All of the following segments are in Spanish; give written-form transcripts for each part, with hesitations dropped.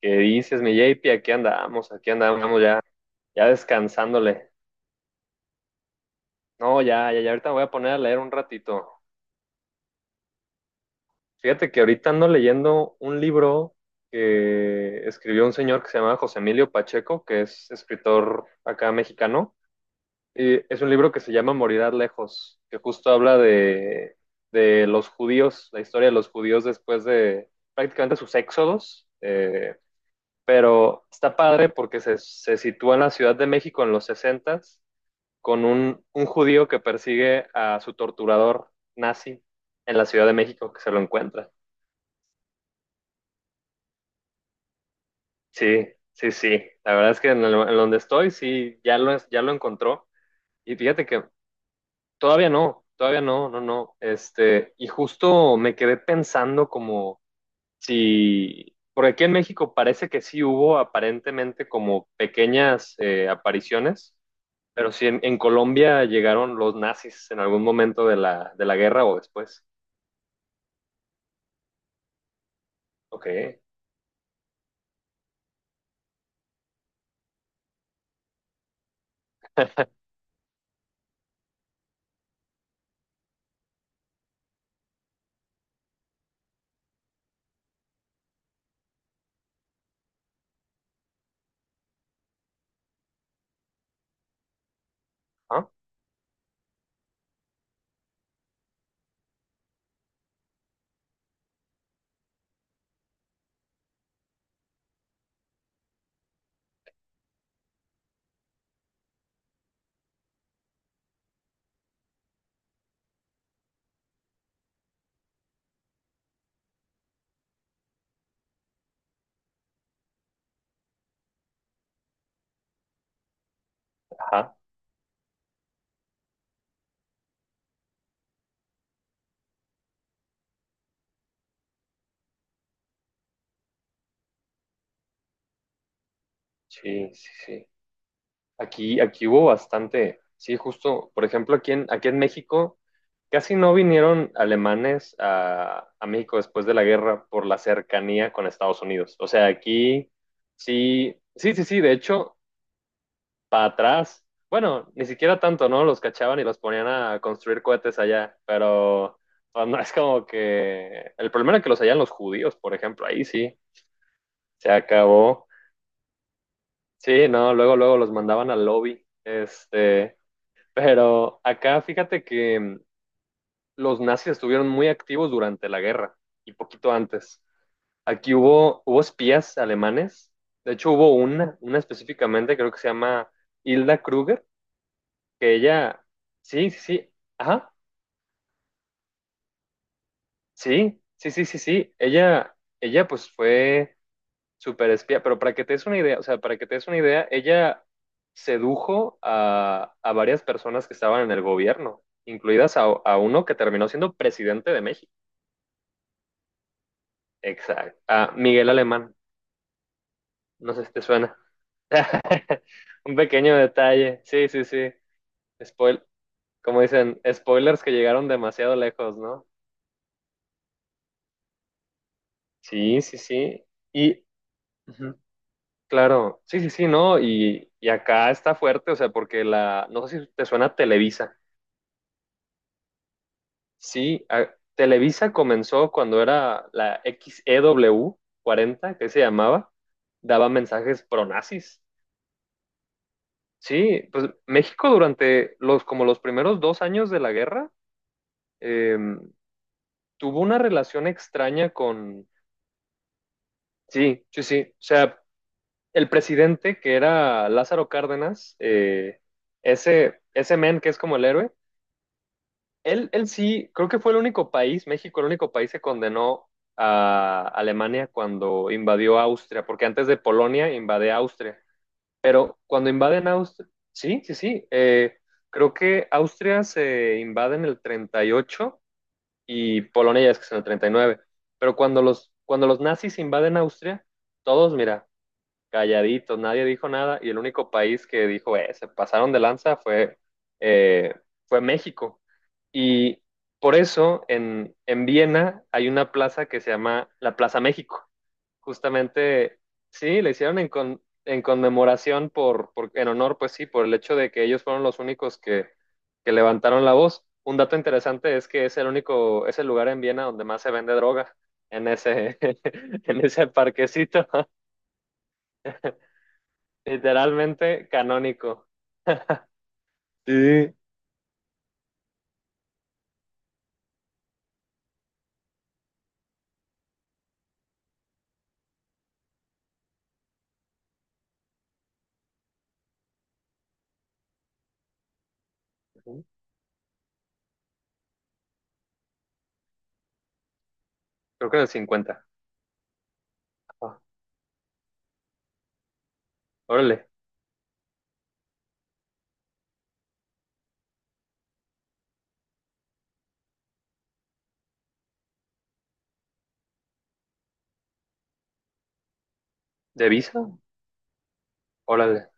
¿Qué dices, mi JP? Aquí andamos ya, ya descansándole. No, ya, ya, ya ahorita me voy a poner a leer un ratito. Fíjate que ahorita ando leyendo un libro que escribió un señor que se llama José Emilio Pacheco, que es escritor acá mexicano. Y es un libro que se llama Morirás lejos, que justo habla de los judíos, la historia de los judíos después de prácticamente sus éxodos. Pero está padre porque se sitúa en la Ciudad de México en los 60s con un judío que persigue a su torturador nazi en la Ciudad de México, que se lo encuentra. Sí, sí, sí. La verdad es que en donde estoy, sí, ya lo encontró. Y fíjate que todavía no, no, no. Este, y justo me quedé pensando como si, por aquí en México parece que sí hubo aparentemente como pequeñas apariciones, pero si en Colombia llegaron los nazis en algún momento de la guerra o después. Ok. Ah, ajá, sí, sí, sí. Aquí hubo bastante, sí, justo, por ejemplo, aquí en México casi no vinieron alemanes a México después de la guerra por la cercanía con Estados Unidos. O sea, aquí sí, sí, sí, sí, de hecho, para atrás, bueno, ni siquiera tanto, ¿no? Los cachaban y los ponían a construir cohetes allá, pero pues, no es como que el problema era que los hallan los judíos, por ejemplo, ahí sí, se acabó. Sí, no, luego, luego los mandaban al lobby. Este, pero acá fíjate que los nazis estuvieron muy activos durante la guerra y poquito antes. Aquí hubo espías alemanes. De hecho, hubo una específicamente, creo que se llama Hilda Kruger, que ella, sí, sí, sí, ajá, sí, sí, sí, sí, sí. Ella pues fue super espía, pero para que te des una idea, o sea, para que te des una idea, ella sedujo a varias personas que estaban en el gobierno, incluidas a uno que terminó siendo presidente de México. Exacto. A Miguel Alemán, no sé si te suena. Un pequeño detalle, sí, sí, sí. Spoil, como dicen, spoilers que llegaron demasiado lejos, ¿no? Sí, sí, sí. Y, ujú, claro, sí, sí, sí, ¿no? Y acá está fuerte, o sea, porque la, no sé si te suena Televisa. Sí, Televisa comenzó cuando era la XEW 40, que se llamaba, daba mensajes pronazis. Sí, pues México durante como los primeros 2 años de la guerra, eh, tuvo una relación extraña con, sí, sí, sí, o sea, el presidente que era Lázaro Cárdenas, ese men que es como el héroe. Él sí, creo que fue el único país, México, el único país que condenó a Alemania cuando invadió Austria, porque antes de Polonia invade Austria. Pero cuando invaden Austria, sí, sí, sí, creo que Austria se invade en el 38 y Polonia ya es que es en el 39. Pero cuando cuando los nazis invaden Austria, todos, mira, calladitos, nadie dijo nada y el único país que dijo, se pasaron de lanza eh, fue México. Y por eso en Viena hay una plaza que se llama la Plaza México. Justamente, sí, la hicieron en conmemoración en honor, pues sí, por el hecho de que ellos fueron los únicos que levantaron la voz. Un dato interesante es que es el lugar en Viena donde más se vende droga, en ese, en ese parquecito, literalmente canónico. Sí. Creo que en el 50. Ajá. Órale. ¿De visa? Órale.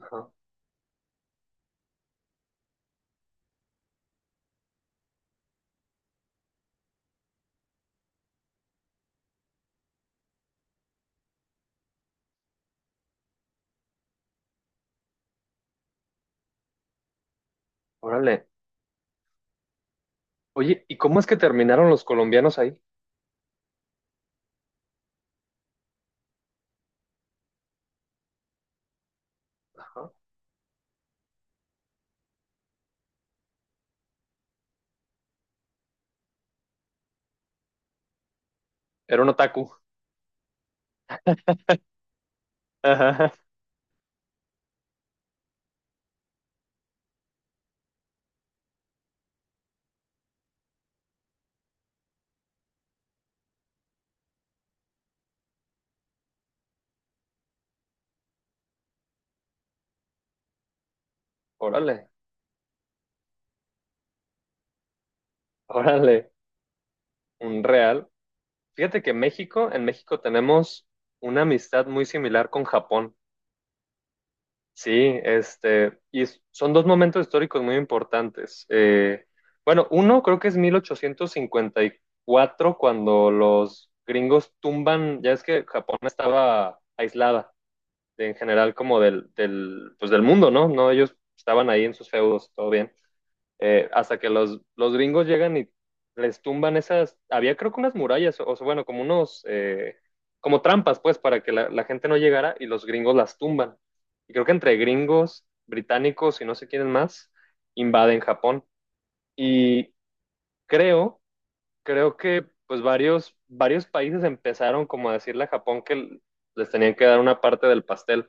Ajá. Órale. Oye, ¿y cómo es que terminaron los colombianos ahí? Ajá. Era un otaku. Ajá. Órale, órale, un real. Fíjate que México, en México tenemos una amistad muy similar con Japón. Sí, este, y son dos momentos históricos muy importantes. Bueno, uno creo que es 1854 cuando los gringos tumban, ya es que Japón estaba aislada en general como pues del mundo, ¿no? No, ellos estaban ahí en sus feudos, todo bien. Hasta que los gringos llegan y les tumban había creo que unas murallas, o, sea, bueno, como unos, como trampas, pues, para que la gente no llegara y los gringos las tumban. Y creo que entre gringos, británicos y no sé quiénes más, invaden Japón. Y creo, creo que pues varios países empezaron como a decirle a Japón que les tenían que dar una parte del pastel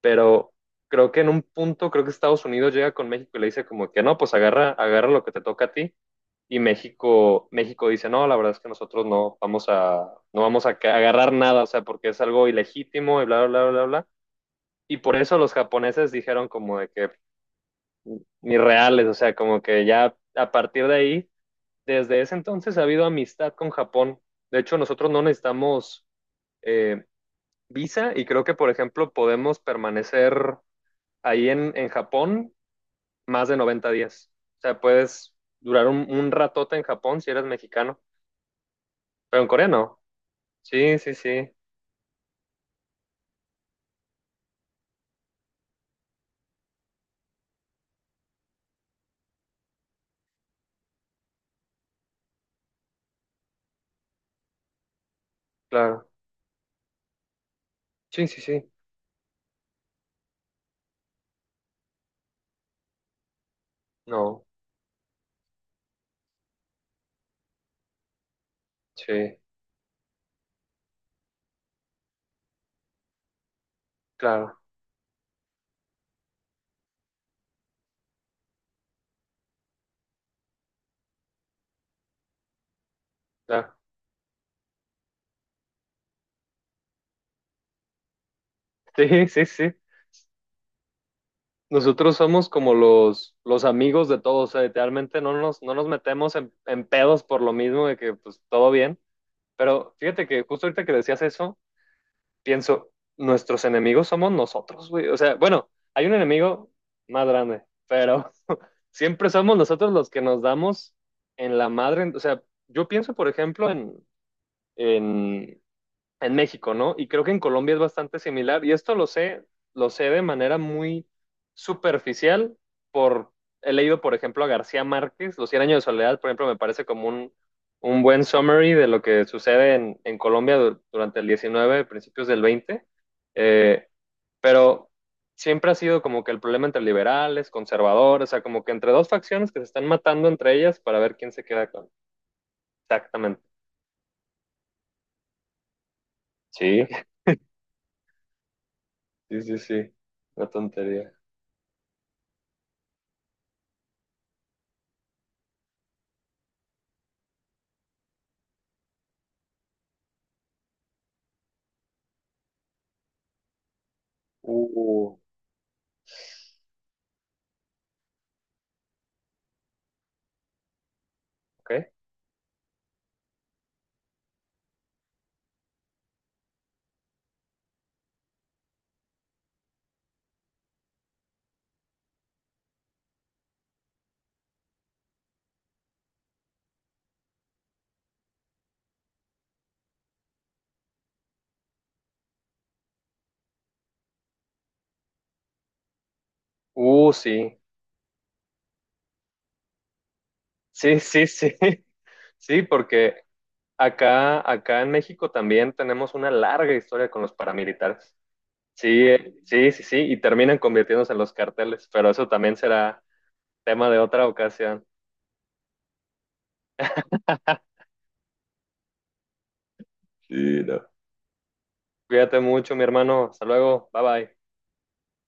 pero creo que en un punto, creo que Estados Unidos llega con México y le dice como que no, pues agarra lo que te toca a ti. Y México dice, no, la verdad es que nosotros no vamos a agarrar nada, o sea, porque es algo ilegítimo y bla, bla, bla, bla, bla. Y por eso los japoneses dijeron como de que ni reales, o sea, como que ya a partir de ahí, desde ese entonces ha habido amistad con Japón. De hecho, nosotros no necesitamos eh, visa y creo que, por ejemplo, podemos permanecer ahí en Japón más de 90 días. O sea, puedes durar un ratote en Japón si eres mexicano, pero en Corea no. Sí, sí, sí, claro. Sí, sí, sí. No, sí, claro, claro. Sí, sí, sí. Nosotros somos como los amigos de todos, o sea, literalmente no nos metemos en pedos por lo mismo de que pues todo bien, pero fíjate que justo ahorita que decías eso, pienso, nuestros enemigos somos nosotros, güey. O sea, bueno, hay un enemigo más grande, pero siempre somos nosotros los que nos damos en la madre. O sea, yo pienso, por ejemplo, en, en México, ¿no? Y creo que en Colombia es bastante similar. Y esto lo sé de manera muy superficial por, he leído, por ejemplo, a García Márquez, Los Cien años de soledad, por ejemplo, me parece como un buen summary de lo que sucede en Colombia durante el 19 principios del 20. Eh, pero siempre ha sido como que el problema entre liberales, conservadores, o sea, como que entre dos facciones que se están matando entre ellas para ver quién se queda con. Exactamente. Sí, sí, sí, sí. Una tontería. Uh, ok. Sí. Sí, sí, sí. Sí, porque acá en México también tenemos una larga historia con los paramilitares. Sí, sí, sí, sí, y terminan convirtiéndose en los carteles, pero eso también será tema de otra ocasión. Sí, no. Cuídate mucho, mi hermano. Hasta luego. Bye bye.